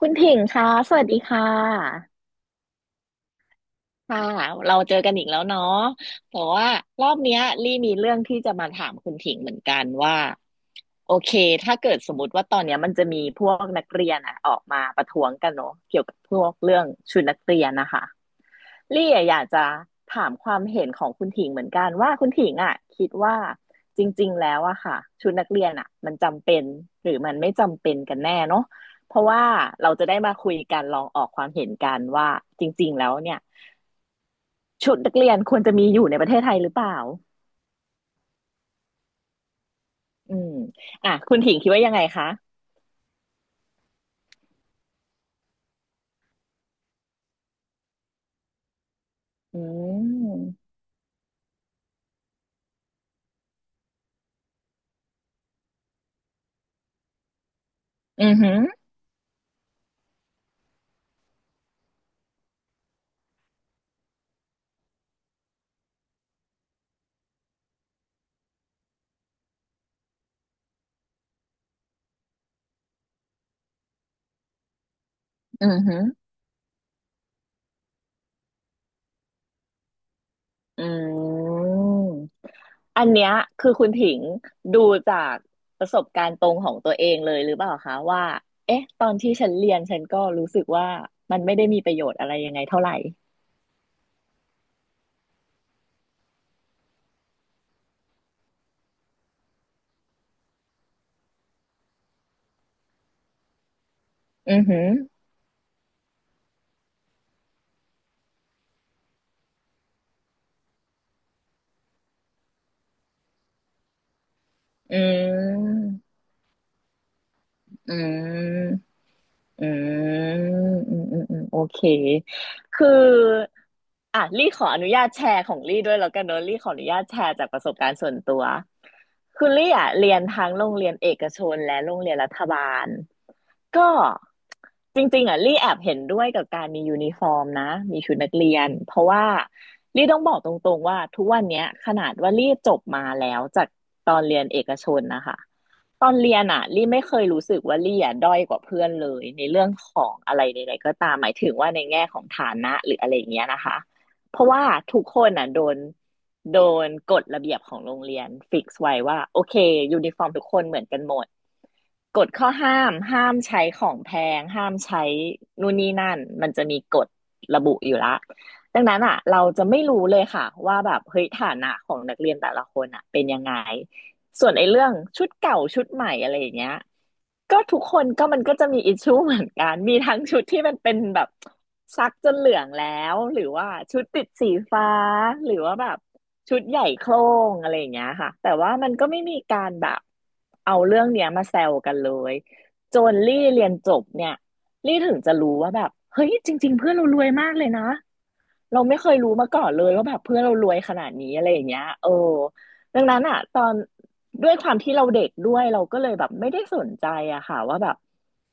คุณถิงคะสวัสดีค่ะ ค่ะ เราเจอกันอีกแล้วเนาะแต่ว่ารอบเนี้ยลี่มีเรื่องที่จะมาถามคุณถิงเหมือนกันว่าโอเคถ้าเกิดสมมติว่าตอนเนี้ยมันจะมีพวกนักเรียนอะออกมาประท้วงกันเนาะเกี่ยวกับพวกเรื่องชุดนักเรียนนะคะ ลี่อะอยากจะถามความเห็นของคุณถิงเหมือนกันว่าคุณถิงอ่ะคิดว่าจริงๆแล้วอะค่ะชุดนักเรียนอะมันจำเป็นหรือมันไม่จำเป็นกันแน่เนาะเพราะว่าเราจะได้มาคุยกันลองออกความเห็นกันว่าจริงๆแล้วเนี่ยชุดนักเรียนควรจะมีอยู่ในประเทศไทยหรือเปล่าอืมอ่ะคุณถิงคิดว่ายังไงคะอืมอือหืออือหืออืม อันเนี้ยคือคุณถิงดูจากประสบการณ์ตรงของตัวเองเลยหรือเปล่าคะว่าเอ๊ะตอนที่ฉันเรียนฉันก็รู้สึกว่ามันไม่ได้มีประโยชน์อะไรยังไงเท่าไหร่ อือหืออืมอืม อืมอืมอืมอืม โอเค คืออ่ะลี่ขออนุญาตแชร์ของลี่ด้วยแล้วกันเนอะลี่ขออนุญาตแชร์จากประสบการณ์ส่วนตัวคือลี่อ่ะเรียนทั้งโรงเรียนเอกชนและโรงเรียนรัฐบาลก็ จริงๆอ่ะลี่แอบเห็นด้วยกับการมียูนิฟอร์มนะมีชุดนักเรียนเพราะว่าลี่ต้องบอกตรงๆว่าทุกวันเนี้ยขนาดว่าลี่จบมาแล้วจากตอนเรียนเอกชนนะคะ ตอนเรียนอะลี่ไม่เคยรู้สึกว่าลี่อะด้อยกว่าเพื่อนเลยในเรื่องของอะไรใดๆก็ตามหมายถึงว่าในแง่ของฐานะหรืออะไรอย่างเงี้ยนะคะเพราะว่าทุกคนอะโดนกฎระเบียบของโรงเรียนฟิกซ์ไว้ว่าโอเคยูนิฟอร์มทุกคนเหมือนกันหมดกฎข้อห้ามห้ามใช้ของแพงห้ามใช้นู่นนี่นั่นมันจะมีกฎระบุอยู่ละดังนั้นอ่ะเราจะไม่รู้เลยค่ะว่าแบบเฮ้ยฐานะของนักเรียนแต่ละคนอ่ะเป็นยังไง ส่วนไอ้เรื่องชุดเก่าชุดใหม่อะไรอย่างเงี้ยก็ทุกคนก็มันก็จะมีอิชชูเหมือนกันมีทั้งชุดที่มันเป็นแบบซักจนเหลืองแล้วหรือว่าชุดติดสีฟ้าหรือว่าแบบชุดใหญ่โคร่งอะไรอย่างเงี้ยค่ะแต่ว่ามันก็ไม่มีการแบบเอาเรื่องเนี้ยมาแซวกันเลยจนลี่เรียนจบเนี่ยลี่ถึงจะรู้ว่าแบบเฮ้ยจริงๆเพื่อนเรารวยมากเลยนะ เราไม่เคยรู้มาก่อนเลยว่าแบบเพื่อนเรารวยขนาดนี้อะไรอย่างเงี้ยเออดังนั้นอ่ะตอนด้วยความที่เราเด็กด้วยเราก็เลยแบบไม่ได้สนใจอะค่ะว่าแบบ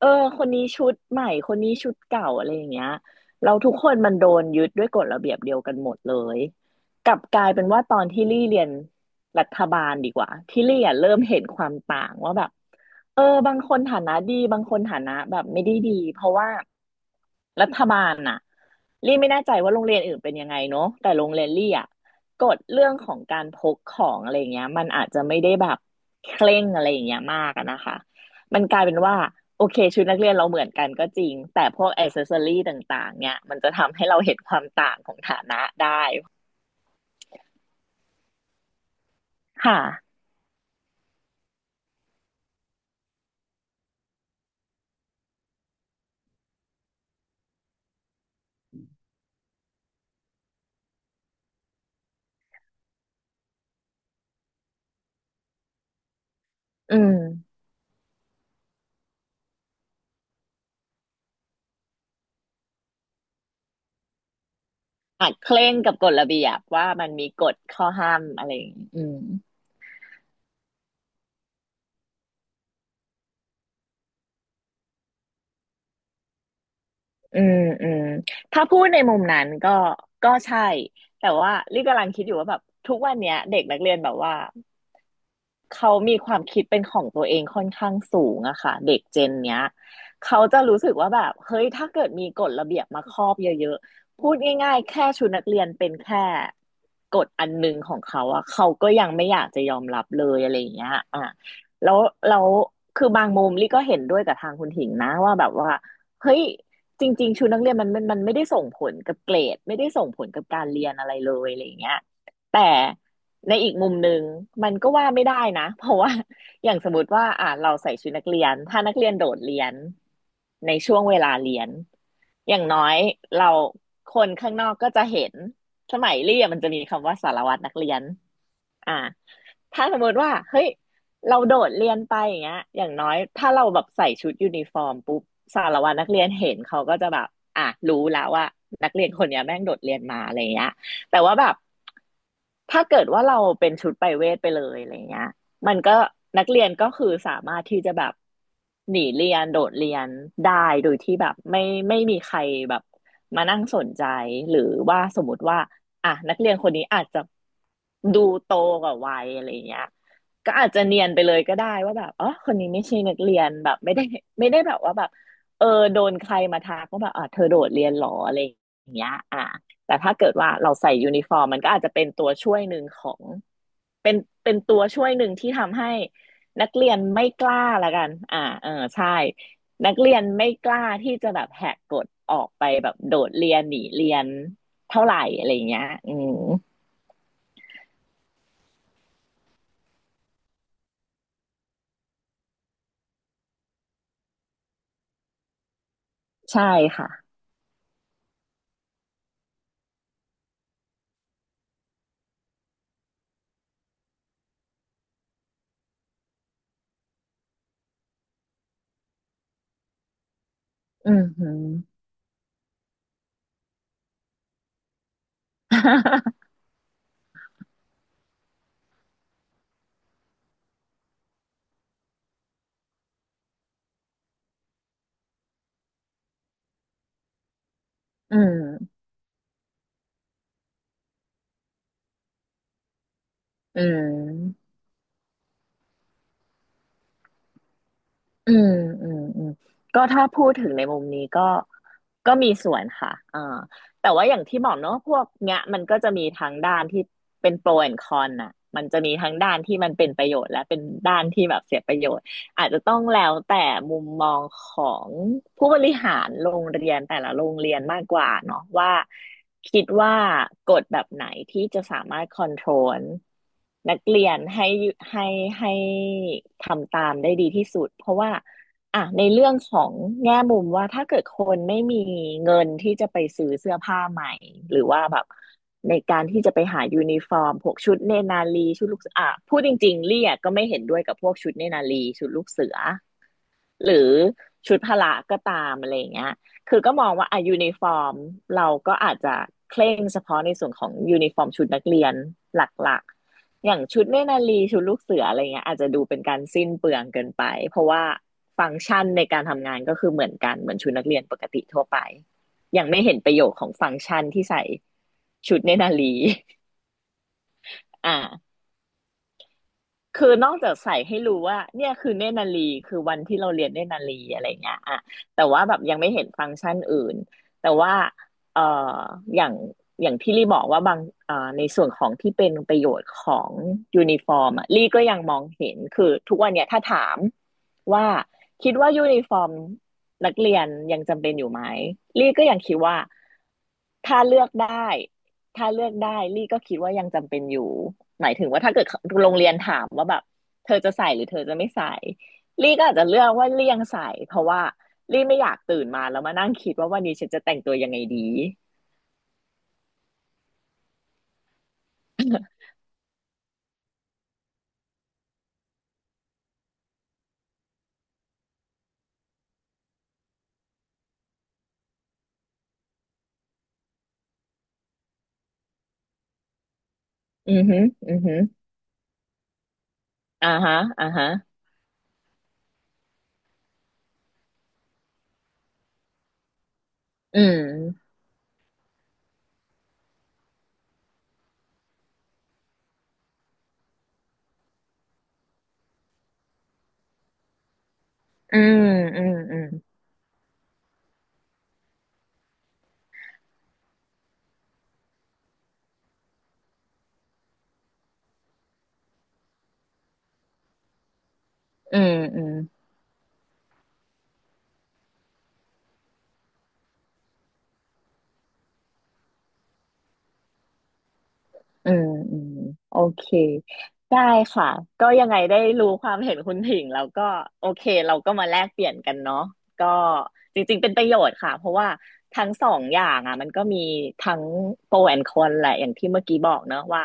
เออคนนี้ชุดใหม่คนนี้ชุดเก่าอะไรอย่างเงี้ยเราทุกคนมันโดนยึดด้วยกฎระเบียบเดียวกันหมดเลยกลับกลายเป็นว่าตอนที่ลี่เรียนรัฐบาลดีกว่าที่ลี่อะเริ่มเห็นความต่างว่าแบบ เออบางคนฐานะดีบางคนฐานะแบบไม่ได้ดีเพราะว่ารัฐบาลน่ะลี่ไม่แน่ใจว่าโรงเรียนอื่นเป็นยังไงเนาะแต่โรงเรียนลี่อ่ะกฎเรื่องของการพกของอะไรเงี้ยมันอาจจะไม่ได้แบบเคร่งอะไรอย่างเงี้ยมากอะนะคะมันกลายเป็นว่าโอเคชุดนักเรียนเราเหมือนกันก็จริงแต่พวกอ c เซสซอรี่ต่างๆเนี่ยมันจะทำให้เราเห็นความต่างของฐานะได้ค่ะอืมอาจเคร่งกับกฎระเบียบว่ามันมีกฎข้อห้ามอะไรอย่างงี้อืม อืมอืมถ้าพูดในมุมนั้นก็ก็ใช่แต่ว่าลี่กำลังคิดอยู่ว่าแบบทุกวันเนี้ยเด็กนักเรียนแบบว่า เขามีความคิดเป็นของตัวเองค่อนข้างสูงอะค่ะเด็กเจนเนี้ยเขาจะรู้สึกว่าแบบเฮ้ยถ้าเกิดมีกฎระเบียบมาครอบเยอะๆพูดง่ายๆแค่ชุดนักเรียนเป็นแค่กฎอันหนึงของเขาอะเขาก็ยังไม่อยากจะยอมรับเลยอะไรอย่างเงี้ยอ่ะแล้วแล้วคือบางมุมลี่ก็เห็นด้วยกับทางคุณถิงนะว่าแบบว่าเฮ้ยจริงๆชุดนักเรียนมันไม่ได้ส่งผลกับเกรดไม่ได้ส่งผลกับการเรียนอะไรเลยอะไรอย่างเงี้ยแต่ ในอีกมุมหนึ่งมันก็ว่าไม่ได้นะ เพราะว่า อย่างสมมติว่าเราใส่ชุดนักเรียนถ้านักเรียนโดดเรียนในช่วงเวลาเรียนอย่างน้อยเราคนข้างนอกก็จะเห็นสมัยเรียนมันจะมีคำว่าสารวัตรนักเรียนอ่าถ้าสมมติว่าเฮ้ยเราโดดเรียนไปอย่างเงี้ยอย่างน้อยถ้าเราแบบใส่ชุดยูนิฟอร์มปุ๊บสารวัตรนักเรียนเห็นเขาก็จะแบบอ่ะรู้แล้วว่านักเรียนคนเนี้ยแม่งโดดเรียนมาอะไรเงี้ย แต่ว่าแบบถ้าเกิดว่าเราเป็นชุดไปเวทไปเลยอะไรเงี้ยมันก็นักเรียนก็คือสามารถที่จะแบบหนีเรียนโดดเรียนได้โดยที่แบบไม่มีใครแบบมานั่งสนใจหรือว่าสมมติว่าอ่ะนักเรียนคนนี้อาจจะดูโตกว่าวัยอะไรเงี้ยก็อาจจะเนียนไปเลยก็ได้ว่าแบบอ๋อคนนี้ไม่ใช่นักเรียนแบบไม่ได้แบบว่าแบบเออโดนใครมาทักว่าแบบอ่ะเธอโดดเรียนหรออะไรอย่างเงี้ยอ่ะ แต่ถ้าเกิดว่าเราใส่ยูนิฟอร์มมันก็อาจจะเป็นตัวช่วยหนึ่งของเป็นเป็นตัวช่วยหนึ่งที่ทำให้นักเรียนไม่กล้าละกันเออใช่นักเรียนไม่กล้าที่จะแบบแหกกฎออกไปแบบโดดเรียนหนีเรียนเท่าไหร่อะไรอย่างเงี้ยอืมใช่ค่ะอืมหึ มอืมอืม อืมอืมอืมก็ถ้าพูดถึงในมุมนี้ก็ก็มีส่วนค่ะแต่ว่าอย่างที่บอกเนอะพวกเนี้ยมันก็จะมีทั้งด้านที่เป็นโปรแอนคอนน่ะมันจะมีทั้งด้านที่มันเป็นประโยชน์และเป็นด้านที่แบบเสียประโยชน์ อาจจะต้องแล้วแต่มุมมองของผู้บริหารโรงเรียนแต่ละโรงเรียนมากกว่าเนาะว่าคิดว่ากฎแบบไหนที่จะสามารถคอนโทรลนักเรียนให้ให้ให้ทำตามได้ดีที่สุดเพราะว่า อ่ะในเรื่องของแง่มุมว่าถ้าเกิดคนไม่มีเงินที่จะไปซื้อเสื้อผ้าใหม่หรือว่าแบบในการที่จะไปหายูนิฟอร์มพวกชุดเนตรนารีชุดลูกเสืออ่ะพูดจริงๆเรียกก็ไม่เห็นด้วยกับพวกชุดเนตรนารีชุดลูกเสือ หรือชุดพละก็ตามอะไรอย่างเงี้ยคือก็มองว่าอ่ะยูนิฟอร์มเราก็อาจจะเคร่งเฉพาะในส่วนของยูนิฟอร์มชุดนักเรียนหลักๆอย่างชุดเนตรนารีชุดลูกเสืออะไรเงี้ยอาจจะดูเป็นการสิ้นเปลืองเกินไปเพราะว่าฟังก์ชันในการทำงานก็คือเหมือนกันเหมือนชุดนักเรียนปกติทั่วไปยังไม่เห็นประโยชน์ของฟังก์ชันที่ใส่ชุดเนตรนารี อ่า คือนอกจากใส่ให้รู้ว่าเนี่ยคือเนตรนารีคือวันที่เราเรียนเนตรนารีอะไรเงี้ยอะแต่ว่าแบบยังไม่เห็นฟังก์ชันอื่นแต่ว่าเอ่ออย่างอย่างที่ลี่บอกว่าบางในส่วนของที่เป็นประโยชน์ของยูนิฟอร์มอะลี่ก็ยังมองเห็นคือทุกวันเนี่ยถ้าถามว่าคิดว่ายูนิฟอร์มนักเรียนยังจำเป็นอยู่ไหมลี่ก็ยังคิดว่า ถ้าเลือกได้ถ้าเลือกได้ลี่ก็คิดว่ายังจำเป็นอยู่หมายถึงว่าถ้าเกิดโรงเรียนถามว่าแบบเธอจะใส่หรือเธอจะไม่ใส่ลี่ก็อาจจะเลือกว่าลี่ยังใส่เพราะว่าลี่ไม่อยากตื่นมาแล้วมานั่งคิดว่าวันนี้ฉันจะแต่งตัวยังไงดีอือหึอือหึออ่าฮะอ่าฮะอืมอืมอืมอืมอืมอืม อืมอืมโอเคได้ค่ะก็ยังไงได้รู้ความเห็นคุณถิงแล้วก็โอเคเราก็มาแลกเปลี่ยนกันเนาะก็จริงๆเป็นประโยชน์ค่ะเพราะว่าทั้งสองอย่างอ่ะมันก็มีทั้งโปรแอนคอนแหละอย่างที่เมื่อกี้บอกเนอะว่า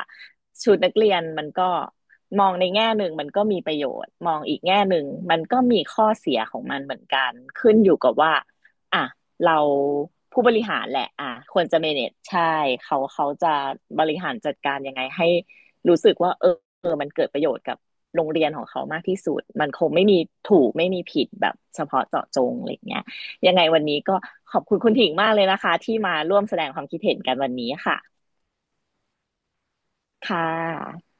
ชุดนักเรียนมันก็มองในแง่หนึ่งมันก็มีประโยชน์มองอีกแง่หนึ่งมันก็มีข้อเสียของมันเหมือนกันขึ้นอยู่กับว่าอ่ะ เราผู้บริหารแหละอ่ะควรจะ manage ใช่เขาจะบริหารจัดการยังไงให้รู้สึกว่าเออเออมันเกิดประโยชน์กับโรงเรียนของเขามากที่สุดมันคงไม่มีถูกไม่มีผิดแบบเฉพาะเจาะจงอะไรยเงี้ยยังไงวันนี้ก็ขอบคุณคุณถิ่งมากเลยนะคะที่มาร่วมแสดงความคิดเห็นกันวันนี้ค่ะค่ะ